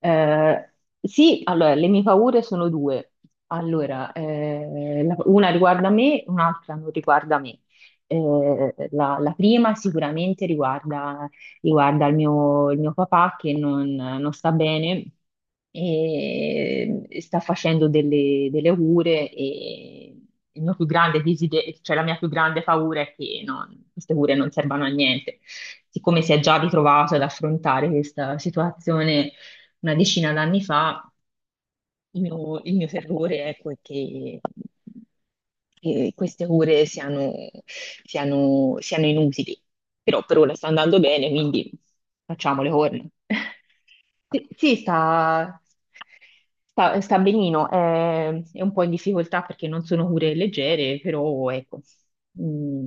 Eh, sì, allora, le mie paure sono due. Allora, una riguarda me, un'altra non riguarda me. La prima sicuramente riguarda il mio papà che non sta bene e sta facendo delle cure e il mio più grande desiderio, cioè la mia più grande paura è che queste cure non servano a niente. Siccome si è già ritrovato ad affrontare questa situazione una decina d'anni fa, il mio terrore ecco, è che queste cure siano inutili. Però per ora sta andando bene, quindi facciamo le corna. Sì, sì, sta benino, è un po' in difficoltà perché non sono cure leggere, però ecco, mm,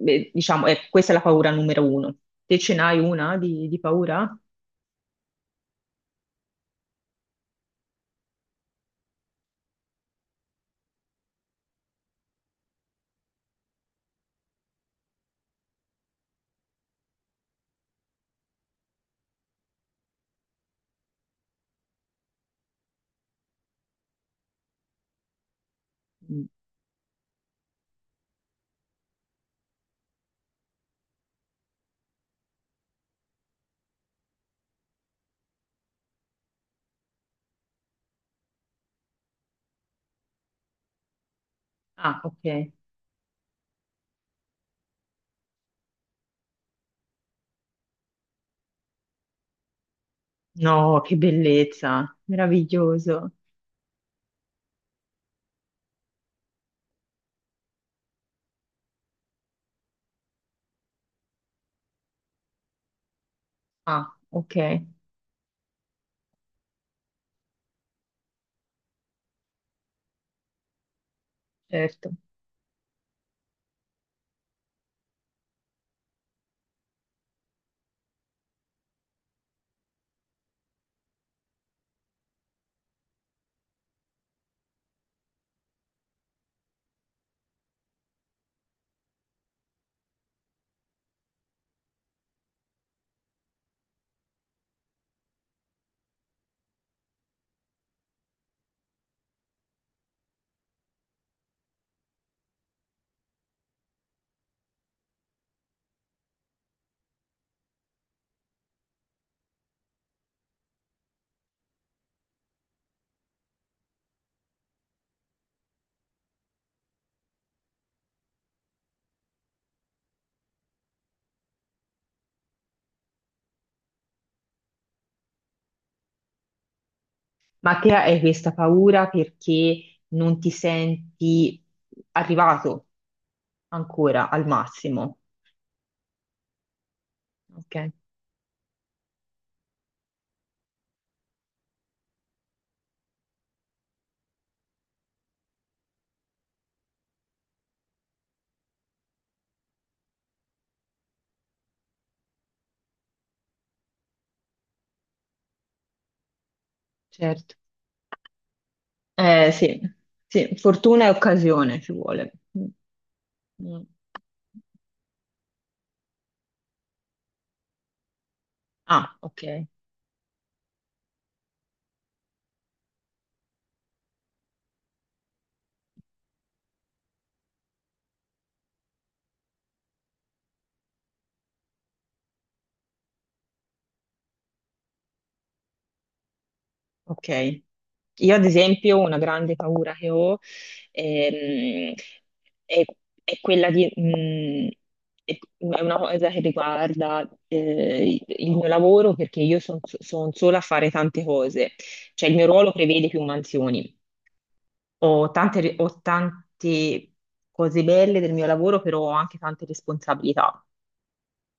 beh, diciamo, ecco, questa è la paura numero uno. Te ce n'hai una di paura? Mm. Ah, ok. No, che bellezza, meraviglioso. Ah, ok, certo. Ma te hai questa paura perché non ti senti arrivato ancora al massimo. Ok, certo. Sì, sì, fortuna e occasione ci vuole. Mm, mm. Ah, ok. Ok. Io, ad esempio, una grande paura che ho, ehm, è, è quella di, è una cosa che riguarda, il mio lavoro perché io sono sola a fare tante cose, cioè il mio ruolo prevede più mansioni. Ho tante cose belle del mio lavoro, però ho anche tante responsabilità.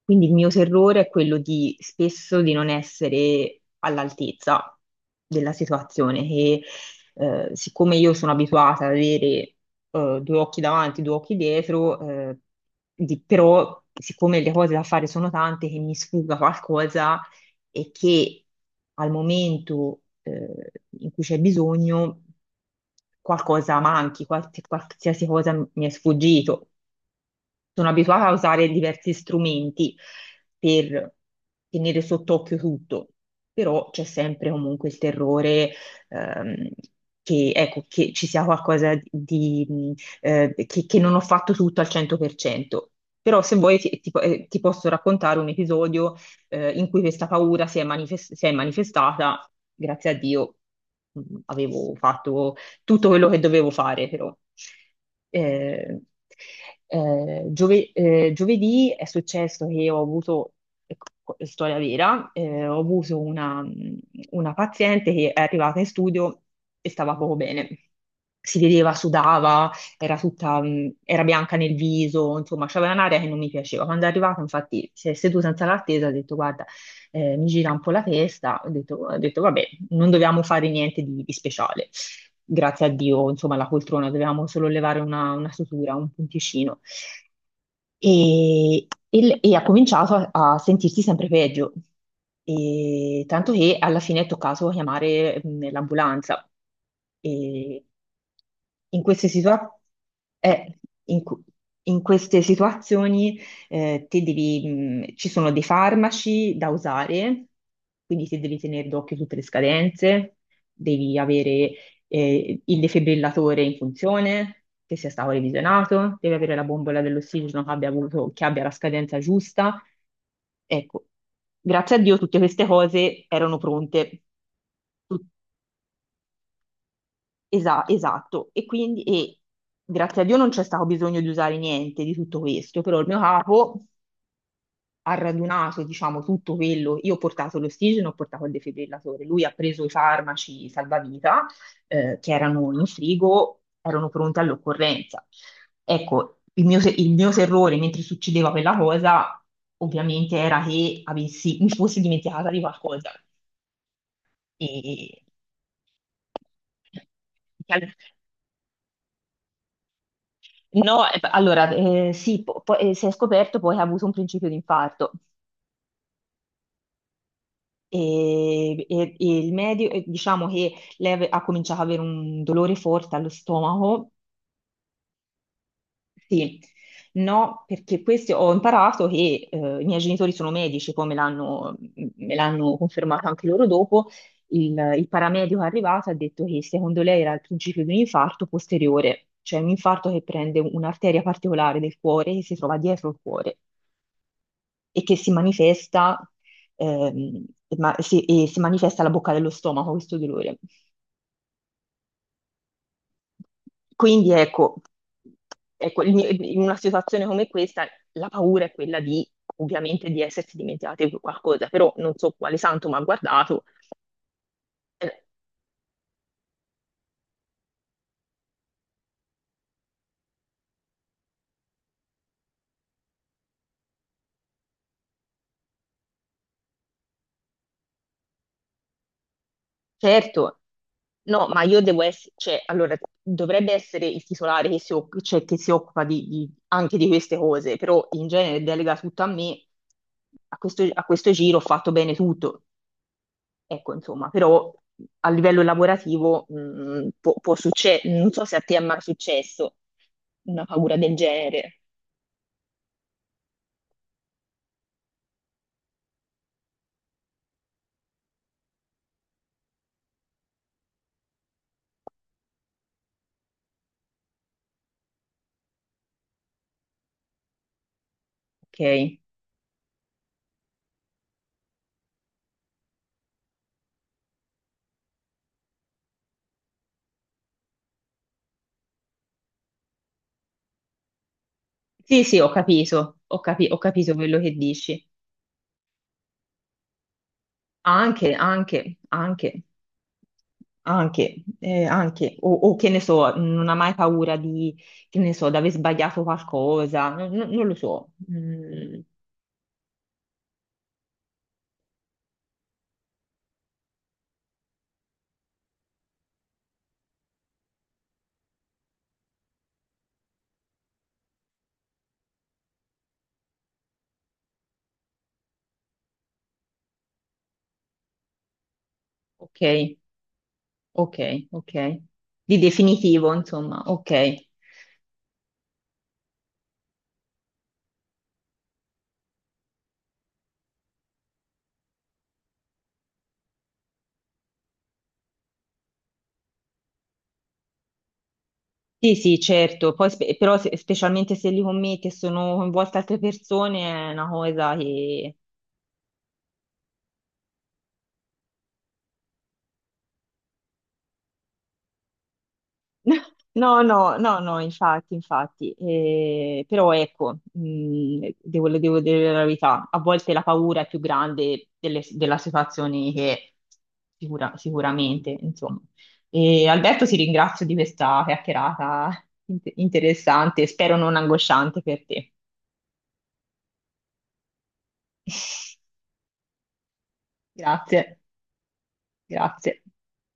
Quindi il mio terrore è quello di spesso di non essere all'altezza della situazione, che siccome io sono abituata ad avere, due occhi davanti, due occhi dietro, eh, però siccome le cose da fare sono tante, che mi sfugga qualcosa e che al momento, in cui c'è bisogno qualcosa manchi, qualsiasi cosa mi è sfuggito. Sono abituata a usare diversi strumenti per tenere sott'occhio tutto, però c'è sempre comunque il terrore, ehm, che, ecco, che ci sia qualcosa di, che non ho fatto tutto al 100%. Però se vuoi ti posso raccontare un episodio, in cui questa paura si è manifestata, grazie a Dio, avevo fatto tutto quello che dovevo fare, però. Eh, Giovedì è successo che ho avuto, ecco, storia vera, ho avuto una paziente che è arrivata in studio e stava poco bene. Si vedeva, sudava, era tutta, era bianca nel viso, insomma, c'aveva un'aria che non mi piaceva. Quando è arrivata, infatti, si è seduta in sala d'attesa e ha detto: "Guarda, mi gira un po' la testa". Ho detto vabbè, non dovevamo fare niente di speciale. Grazie a Dio, insomma, la poltrona, dovevamo solo levare una sutura, un punticino. E, e ha cominciato a sentirsi sempre peggio, e tanto che alla fine è toccato chiamare, l'ambulanza. E in queste situa- eh, in cu- In queste situazioni, te devi, ci sono dei farmaci da usare, quindi ti devi tenere d'occhio tutte le scadenze, devi avere, il defibrillatore in funzione, che sia stato revisionato, devi avere la bombola dell'ossigeno che abbia avuto, che abbia la scadenza giusta. Ecco, grazie a Dio tutte queste cose erano pronte. Tut- esatto, e quindi grazie a Dio non c'è stato bisogno di usare niente di tutto questo, però il mio capo ha radunato, diciamo, tutto quello. Io ho portato l'ossigeno, ho portato il defibrillatore. Lui ha preso i farmaci salvavita, che erano in frigo, erano pronti all'occorrenza. Ecco, il mio, se- il mio terrore mentre succedeva quella cosa, ovviamente, era che mi fossi dimenticata di qualcosa. E, che al- No, allora, sì, poi, si è scoperto poi che ha avuto un principio di infarto. E il medio, e diciamo che ha cominciato ad avere un dolore forte allo stomaco. Sì, no, perché questo ho imparato che, i miei genitori sono medici, poi me l'hanno confermato anche loro dopo. Il paramedico è arrivato e ha detto che secondo lei era il principio di un infarto posteriore, cioè un infarto che prende un'arteria particolare del cuore che si trova dietro il cuore e che si manifesta, ehm, e si manifesta alla bocca dello stomaco questo dolore. Quindi ecco, ecco, in una situazione come questa la paura è quella di, ovviamente, di essersi dimenticati qualcosa, però non so quale santo mi ha guardato. Eh, Certo, no, ma io devo essere, cioè, allora, dovrebbe essere il titolare che cioè, che si occupa anche di queste cose, però in genere delega tutto a me. A questo giro ho fatto bene tutto. Ecco, insomma, però a livello lavorativo, può succedere, non so se a te è mai successo una paura del genere, ok? Sì, sì, ho capito quello che dici. Anche, anche, anche, anche, o che ne so, non ha mai paura di, che ne so, di aver sbagliato qualcosa, non lo so. Mm, ok, ok, ok. Di definitivo, insomma, ok. Sì, sì, certo, poi però specialmente se li commetti e sono coinvolte altre persone è una cosa che... No, no, no, no, infatti, infatti, però ecco, devo dire la verità, a volte la paura è più grande della situazione che sicuramente, insomma. E, Alberto, ti ringrazio di questa chiacchierata interessante, spero non angosciante per te. Grazie, grazie.